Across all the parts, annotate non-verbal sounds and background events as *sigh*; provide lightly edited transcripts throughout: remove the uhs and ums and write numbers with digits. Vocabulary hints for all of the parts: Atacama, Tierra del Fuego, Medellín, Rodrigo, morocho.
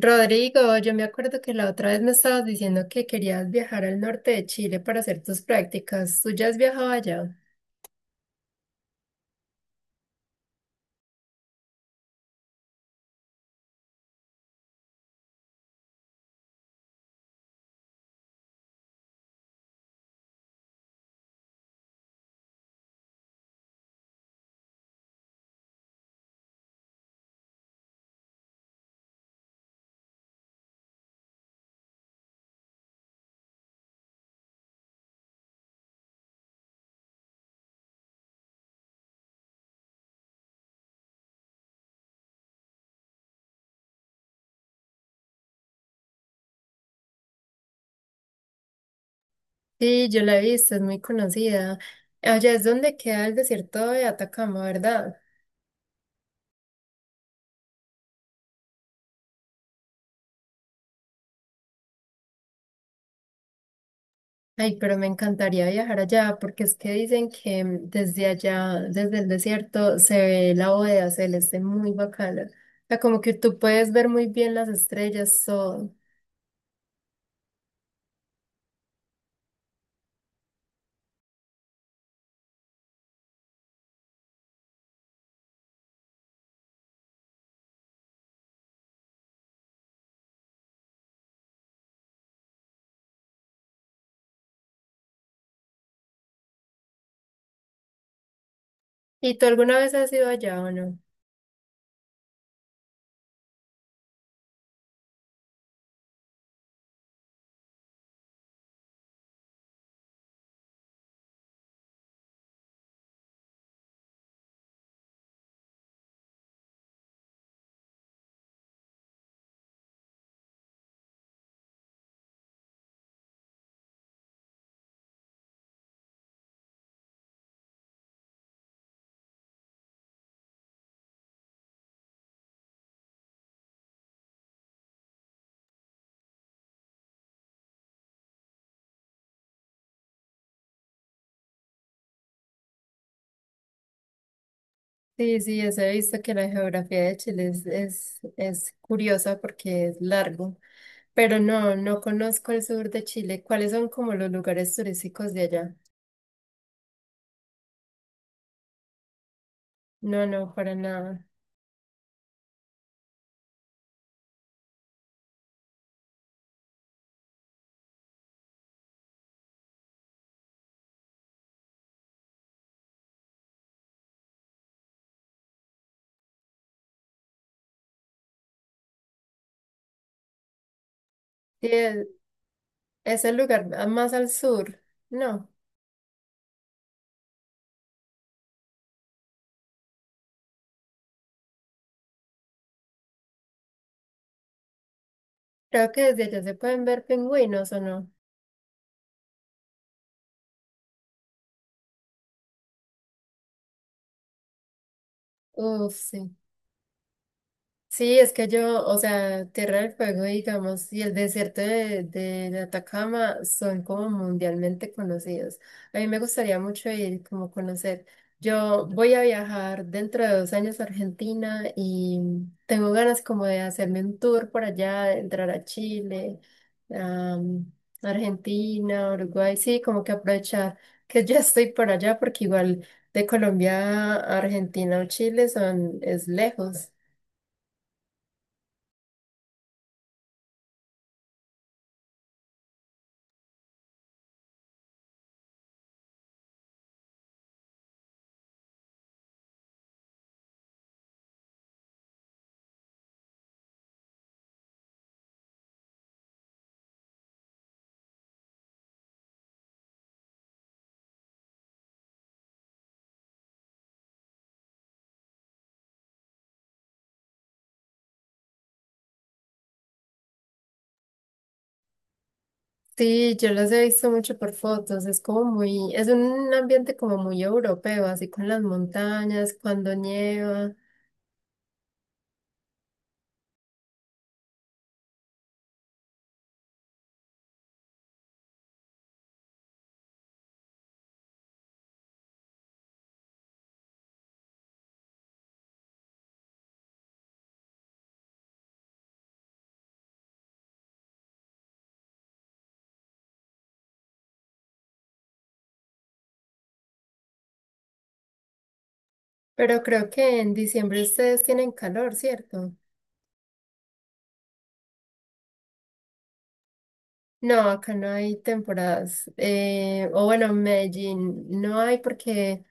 Rodrigo, yo me acuerdo que la otra vez me estabas diciendo que querías viajar al norte de Chile para hacer tus prácticas. ¿Tú ya has viajado allá? Sí, yo la he visto, es muy conocida. Allá es donde queda el desierto de Atacama, ¿verdad? Ay, pero me encantaría viajar allá porque es que dicen que desde allá, desde el desierto, se ve la bóveda celeste muy bacana. O sea, como que tú puedes ver muy bien las estrellas, todo. ¿Y tú alguna vez has ido allá o no? Sí, sí, eso he visto que la geografía de Chile es curiosa porque es largo, pero no, no conozco el sur de Chile. ¿Cuáles son como los lugares turísticos de allá? No, no, para nada. Sí, es el lugar más al sur. No, creo que desde allá se pueden ver pingüinos o no. Uf, sí. Sí, es que yo, o sea, Tierra del Fuego, digamos, y el desierto de Atacama son como mundialmente conocidos. A mí me gustaría mucho ir como conocer. Yo voy a viajar dentro de dos años a Argentina y tengo ganas como de hacerme un tour por allá, de entrar a Chile, a Argentina, Uruguay, sí, como que aprovechar que ya estoy por allá porque igual de Colombia a Argentina o Chile son, es lejos. Sí, yo los he visto mucho por fotos, es como muy, es un ambiente como muy europeo, así con las montañas, cuando nieva, pero creo que en diciembre ustedes tienen calor, ¿cierto? No, acá no hay temporadas, o bueno, en Medellín no hay porque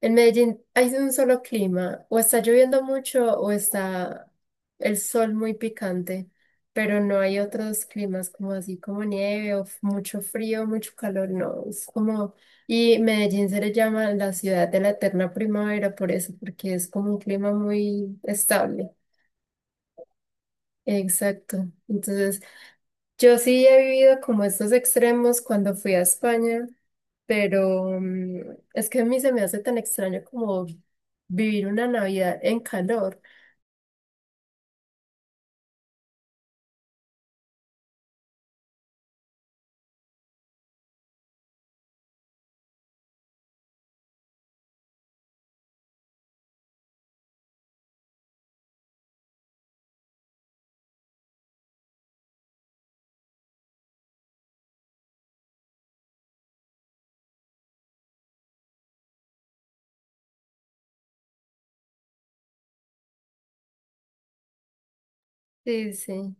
en Medellín hay un solo clima, o está lloviendo mucho o está el sol muy picante, pero no hay otros climas como así, como nieve o mucho frío, mucho calor, no, es como, y Medellín se le llama la ciudad de la eterna primavera por eso, porque es como un clima muy estable. Exacto. Entonces, yo sí he vivido como estos extremos cuando fui a España. Pero es que a mí se me hace tan extraño como vivir una Navidad en calor. Sí, sí.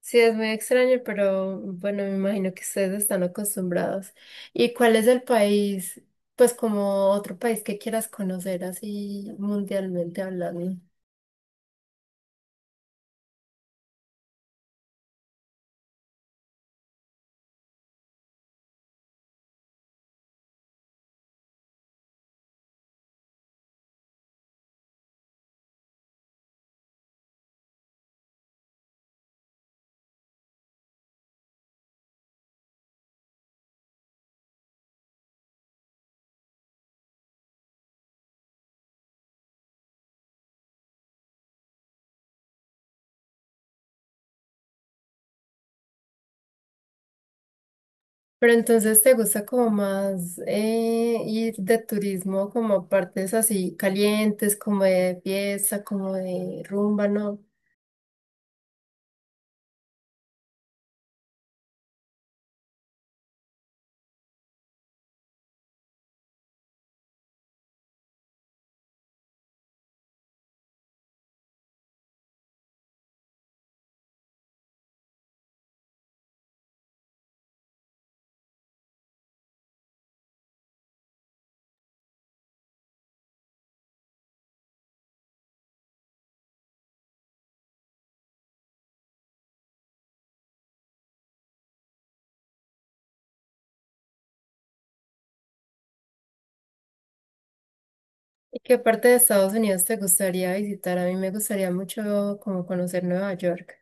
Sí, es muy extraño, pero bueno, me imagino que ustedes están acostumbrados. ¿Y cuál es el país, pues como otro país que quieras conocer así mundialmente hablando? Pero entonces te gusta como más ir de turismo como a partes así calientes, como de fiesta, como de rumba, ¿no? ¿Y qué parte de Estados Unidos te gustaría visitar? A mí me gustaría mucho como conocer Nueva York.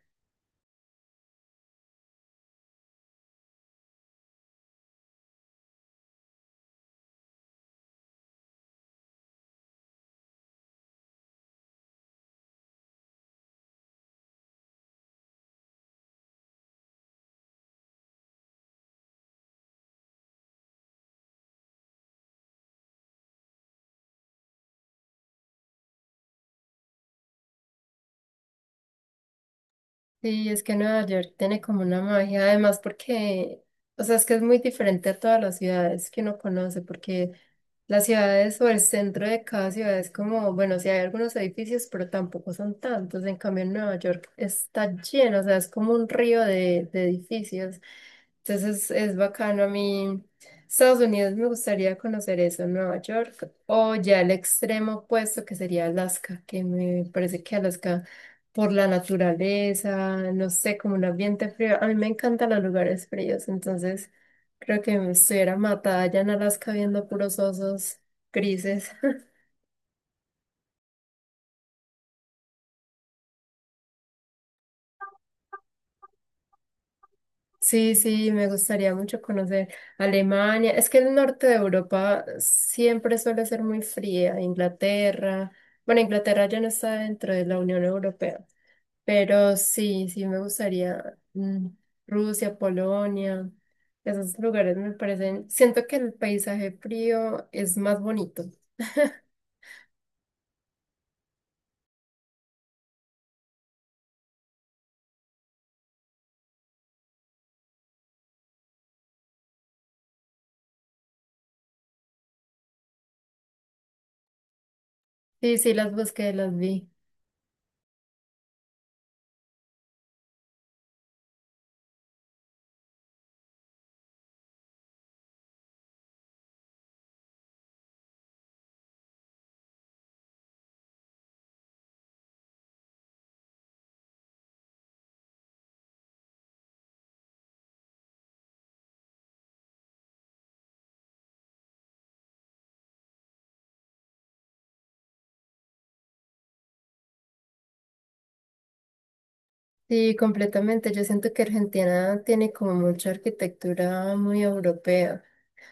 Sí, es que Nueva York tiene como una magia, además porque, o sea, es que es muy diferente a todas las ciudades que uno conoce, porque las ciudades o el centro de cada ciudad es como, bueno, sí hay algunos edificios, pero tampoco son tantos. En cambio, en Nueva York está lleno, o sea, es como un río de edificios. Entonces es bacano a mí. Estados Unidos me gustaría conocer eso, Nueva York, o ya el extremo opuesto que sería Alaska, que me parece que Alaska por la naturaleza, no sé, como un ambiente frío. A mí me encantan los lugares fríos, entonces creo que me estuviera matada allá en Alaska viendo puros osos grises. Sí, sí, me gustaría mucho conocer Alemania. Es que el norte de Europa siempre suele ser muy fría. Inglaterra. Bueno, Inglaterra ya no está dentro de la Unión Europea, pero sí, sí me gustaría Rusia, Polonia. Esos lugares me parecen, siento que el paisaje frío es más bonito. *laughs* Sí, sí, las busqué, las vi. Sí, completamente. Yo siento que Argentina tiene como mucha arquitectura muy europea.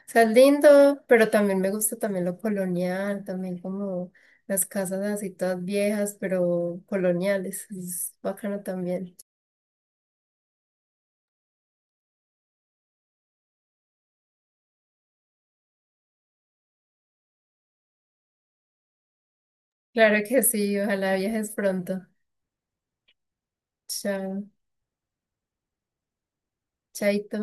Sea, es lindo, pero también me gusta también lo colonial, también como las casas así todas viejas, pero coloniales. Es bacano también. Claro que sí, ojalá viajes pronto. Chao, chaito.